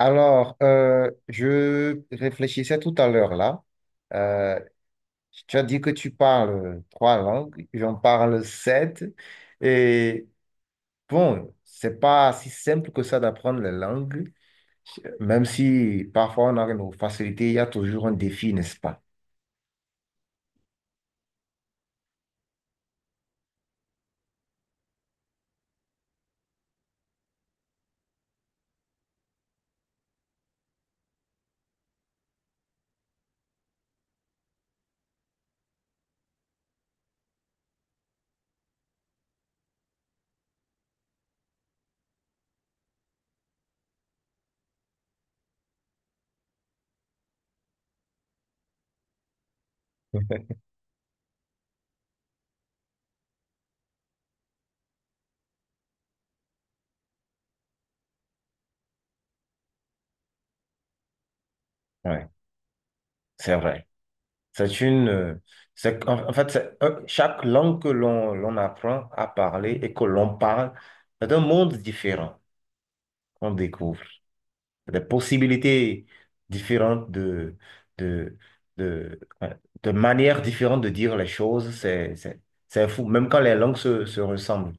Alors, je réfléchissais tout à l'heure là. Euh, Tu as dit que tu parles trois langues, j'en parle sept. Et bon, c'est pas si simple que ça d'apprendre les langues, même si parfois on a nos facilités, il y a toujours un défi, n'est-ce pas? Ouais, c'est vrai. C'est une, c'est, en en fait, c'est un- Chaque langue que l'on apprend à parler et que l'on parle, c'est un monde différent qu'on découvre. Des possibilités différentes de, de, ouais, de manières différentes de dire les choses, c'est fou, même quand les langues se ressemblent.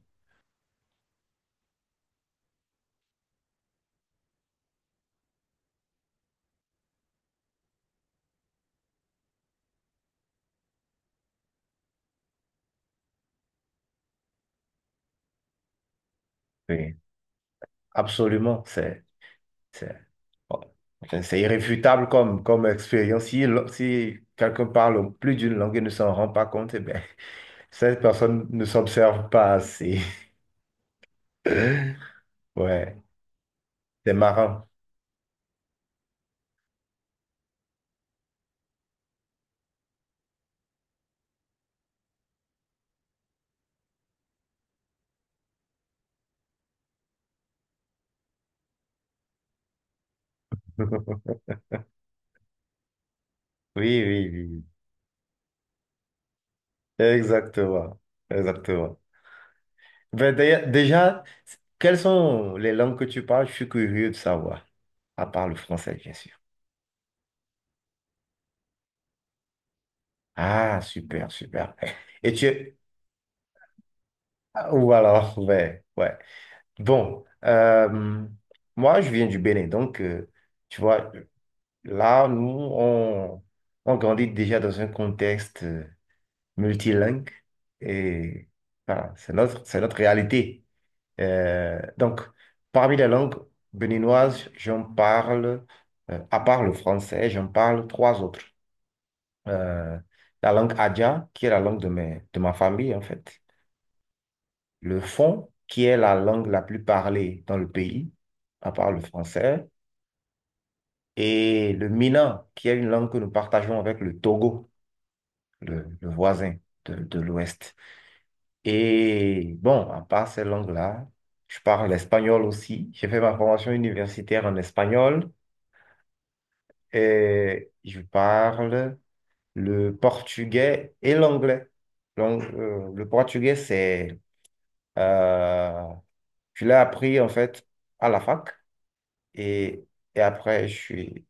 Oui, absolument, c'est, oh, c'est irréfutable comme, comme expérience. Si, si quelqu'un parle plus d'une langue et ne s'en rend pas compte, eh ben, cette personne ne s'observe pas assez. Ouais, c'est marrant. Oui, oui, oui. Exactement. Exactement. Ben, d'ailleurs, déjà, quelles sont les langues que tu parles? Je suis curieux de savoir. À part le français, bien sûr. Ah, super, super. Et tu... ah, ou alors, ouais, ouais. Bon, moi, je viens du Bénin. Donc, tu vois, là, on grandit déjà dans un contexte, multilingue, et voilà, c'est notre réalité. Donc, parmi les langues béninoises, à part le français, j'en parle trois autres. Euh, la langue Adja, qui est la langue de ma famille, en fait. Le Fon, qui est la langue la plus parlée dans le pays, à part le français. Et le Mina, qui est une langue que nous partageons avec le Togo, le voisin de l'Ouest. Et bon, à part ces langues-là, je parle espagnol aussi. J'ai fait ma formation universitaire en espagnol et je parle le portugais et l'anglais. Donc, le portugais, c'est... euh, je l'ai appris en fait à la fac et, et après, je suis...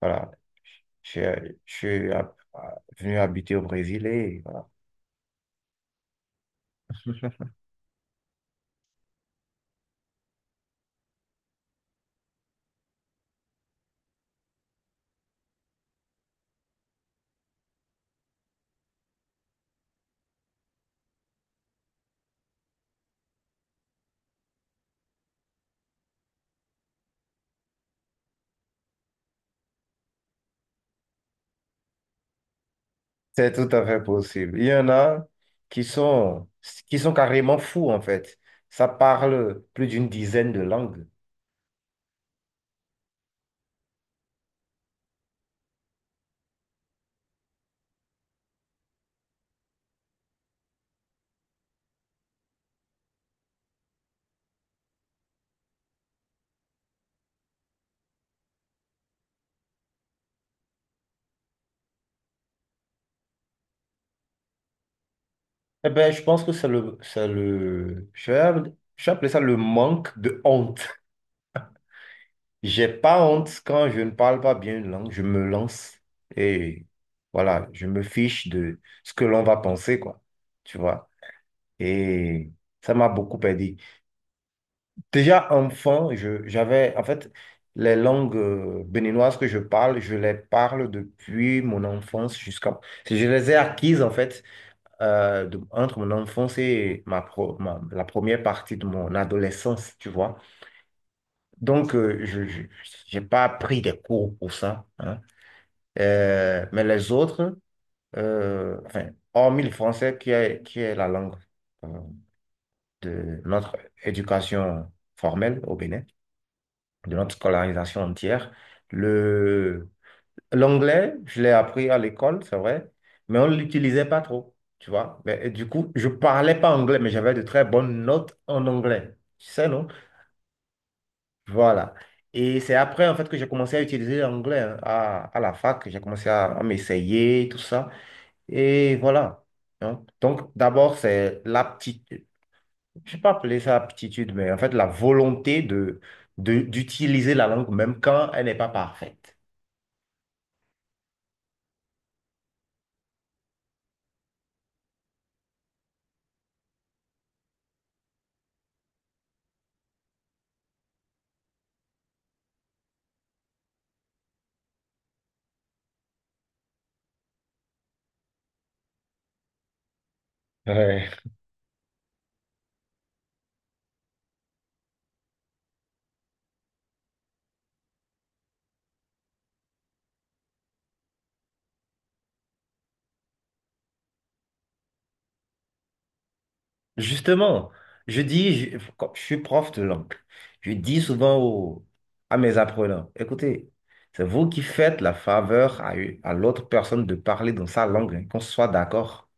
Voilà, je, je suis venu habiter au Brésil et voilà. C'est tout à fait possible. Il y en a qui sont, qui sont carrément fous, en fait. Ça parle plus d'une dizaine de langues. Eh ben je pense que c'est je vais appeler ça le manque de honte. J'ai pas honte quand je ne parle pas bien une langue. Je me lance et voilà, je me fiche de ce que l'on va penser, quoi. Tu vois? Et ça m'a beaucoup aidé. Déjà enfant, j'avais, en fait, les langues béninoises que je parle, je les parle depuis mon enfance jusqu'à... Je les ai acquises, en fait, entre mon enfance et la première partie de mon adolescence, tu vois. Donc, j'ai pas pris des cours pour ça, hein. Mais les autres, enfin, hormis le français qui est la langue euh, de notre éducation formelle au Bénin, de notre scolarisation entière. Le... L'anglais, je l'ai appris à l'école, c'est vrai, mais on ne l'utilisait pas trop, tu vois. Et du coup, je ne parlais pas anglais, mais j'avais de très bonnes notes en anglais. Tu sais, non? Voilà. Et c'est après, en fait, que j'ai commencé à utiliser l'anglais, hein, à la fac. J'ai commencé à m'essayer, tout ça. Et voilà, hein. Donc, d'abord, c'est l'aptitude. Je ne vais pas appeler ça aptitude, mais en fait, la volonté d'utiliser la langue, même quand elle n'est pas parfaite. Ouais. Justement, quand je suis prof de langue, je dis souvent aux à mes apprenants, écoutez, c'est vous qui faites la faveur à l'autre personne de parler dans sa langue, hein, qu'on soit d'accord.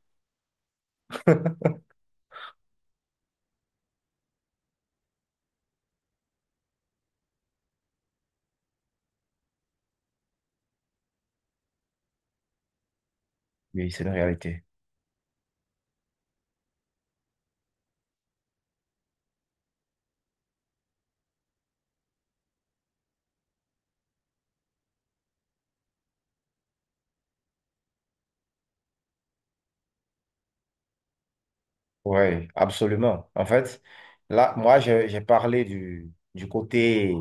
Mais c'est une réalité. Oui, absolument. En fait, là, moi, j'ai parlé du côté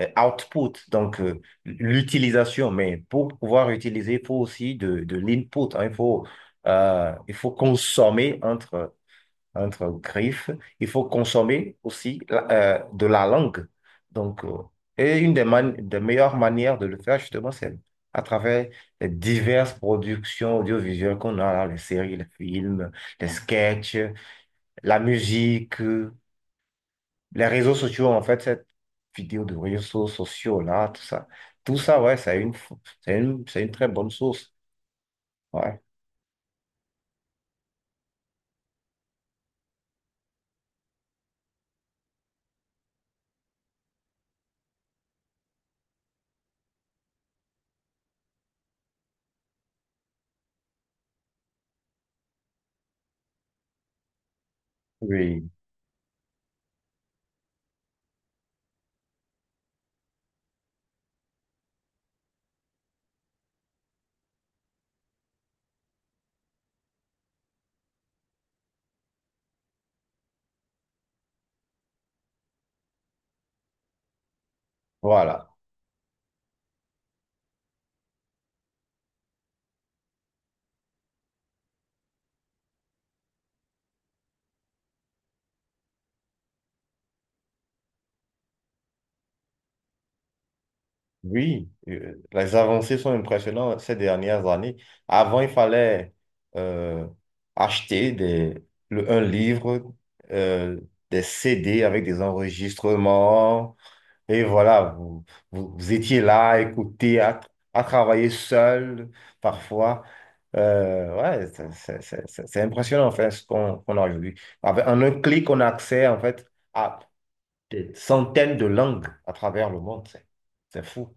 output, donc l'utilisation, mais pour pouvoir utiliser, il faut aussi de l'input, hein, il faut consommer entre griffes. Il faut consommer aussi de la langue. Donc, et une des meilleures manières de le faire, justement, c'est à travers les diverses productions audiovisuelles qu'on a, là, les séries, les films, les sketchs, la musique, les réseaux sociaux, en fait, cette vidéo de réseaux sociaux, là, tout ça. Tout ça, ouais, c'est une, f- c'est une très bonne source. Ouais. Oui. Voilà. Oui, les avancées sont impressionnantes ces dernières années. Avant, il fallait euh, acheter un livre, euh, des CD avec des enregistrements. Et voilà, vous étiez là à écouter, à travailler seul parfois. Ouais, c'est impressionnant en fait ce qu'on a aujourd'hui. En un clic, on a accès en fait à des centaines de langues à travers le monde. C'est fou.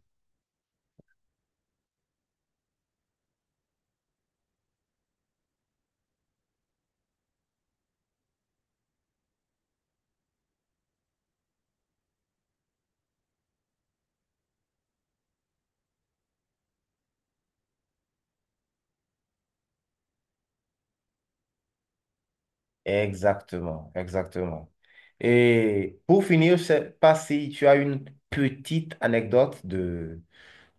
Exactement, exactement. Et pour finir, je sais pas si tu as une petite anecdote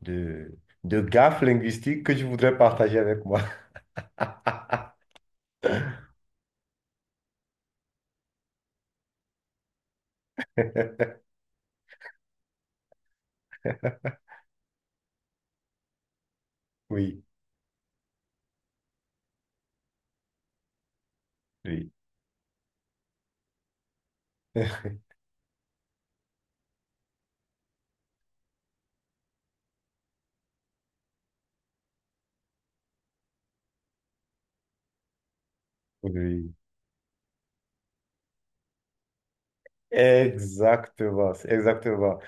de, de gaffe linguistique que tu voudrais partager avec moi. Oui, oui, oui. Exactement, c'est exactement.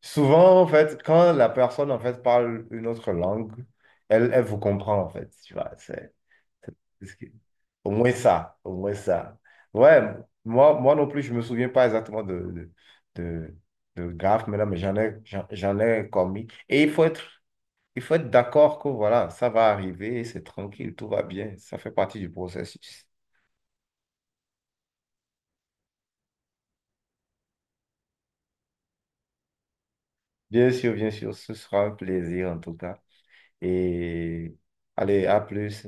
Souvent, en fait, quand la personne, en fait, parle une autre langue, elle vous comprend, en fait, tu vois. Parce que- Au moins ça, au moins ça. Ouais, moi non plus, je me souviens pas exactement de, de graphes maintenant, mais j'en ai commis. Et il faut être d'accord que voilà, ça va arriver, c'est tranquille, tout va bien, ça fait partie du processus. Bien sûr, ce sera un plaisir en tout cas. Et allez, à plus.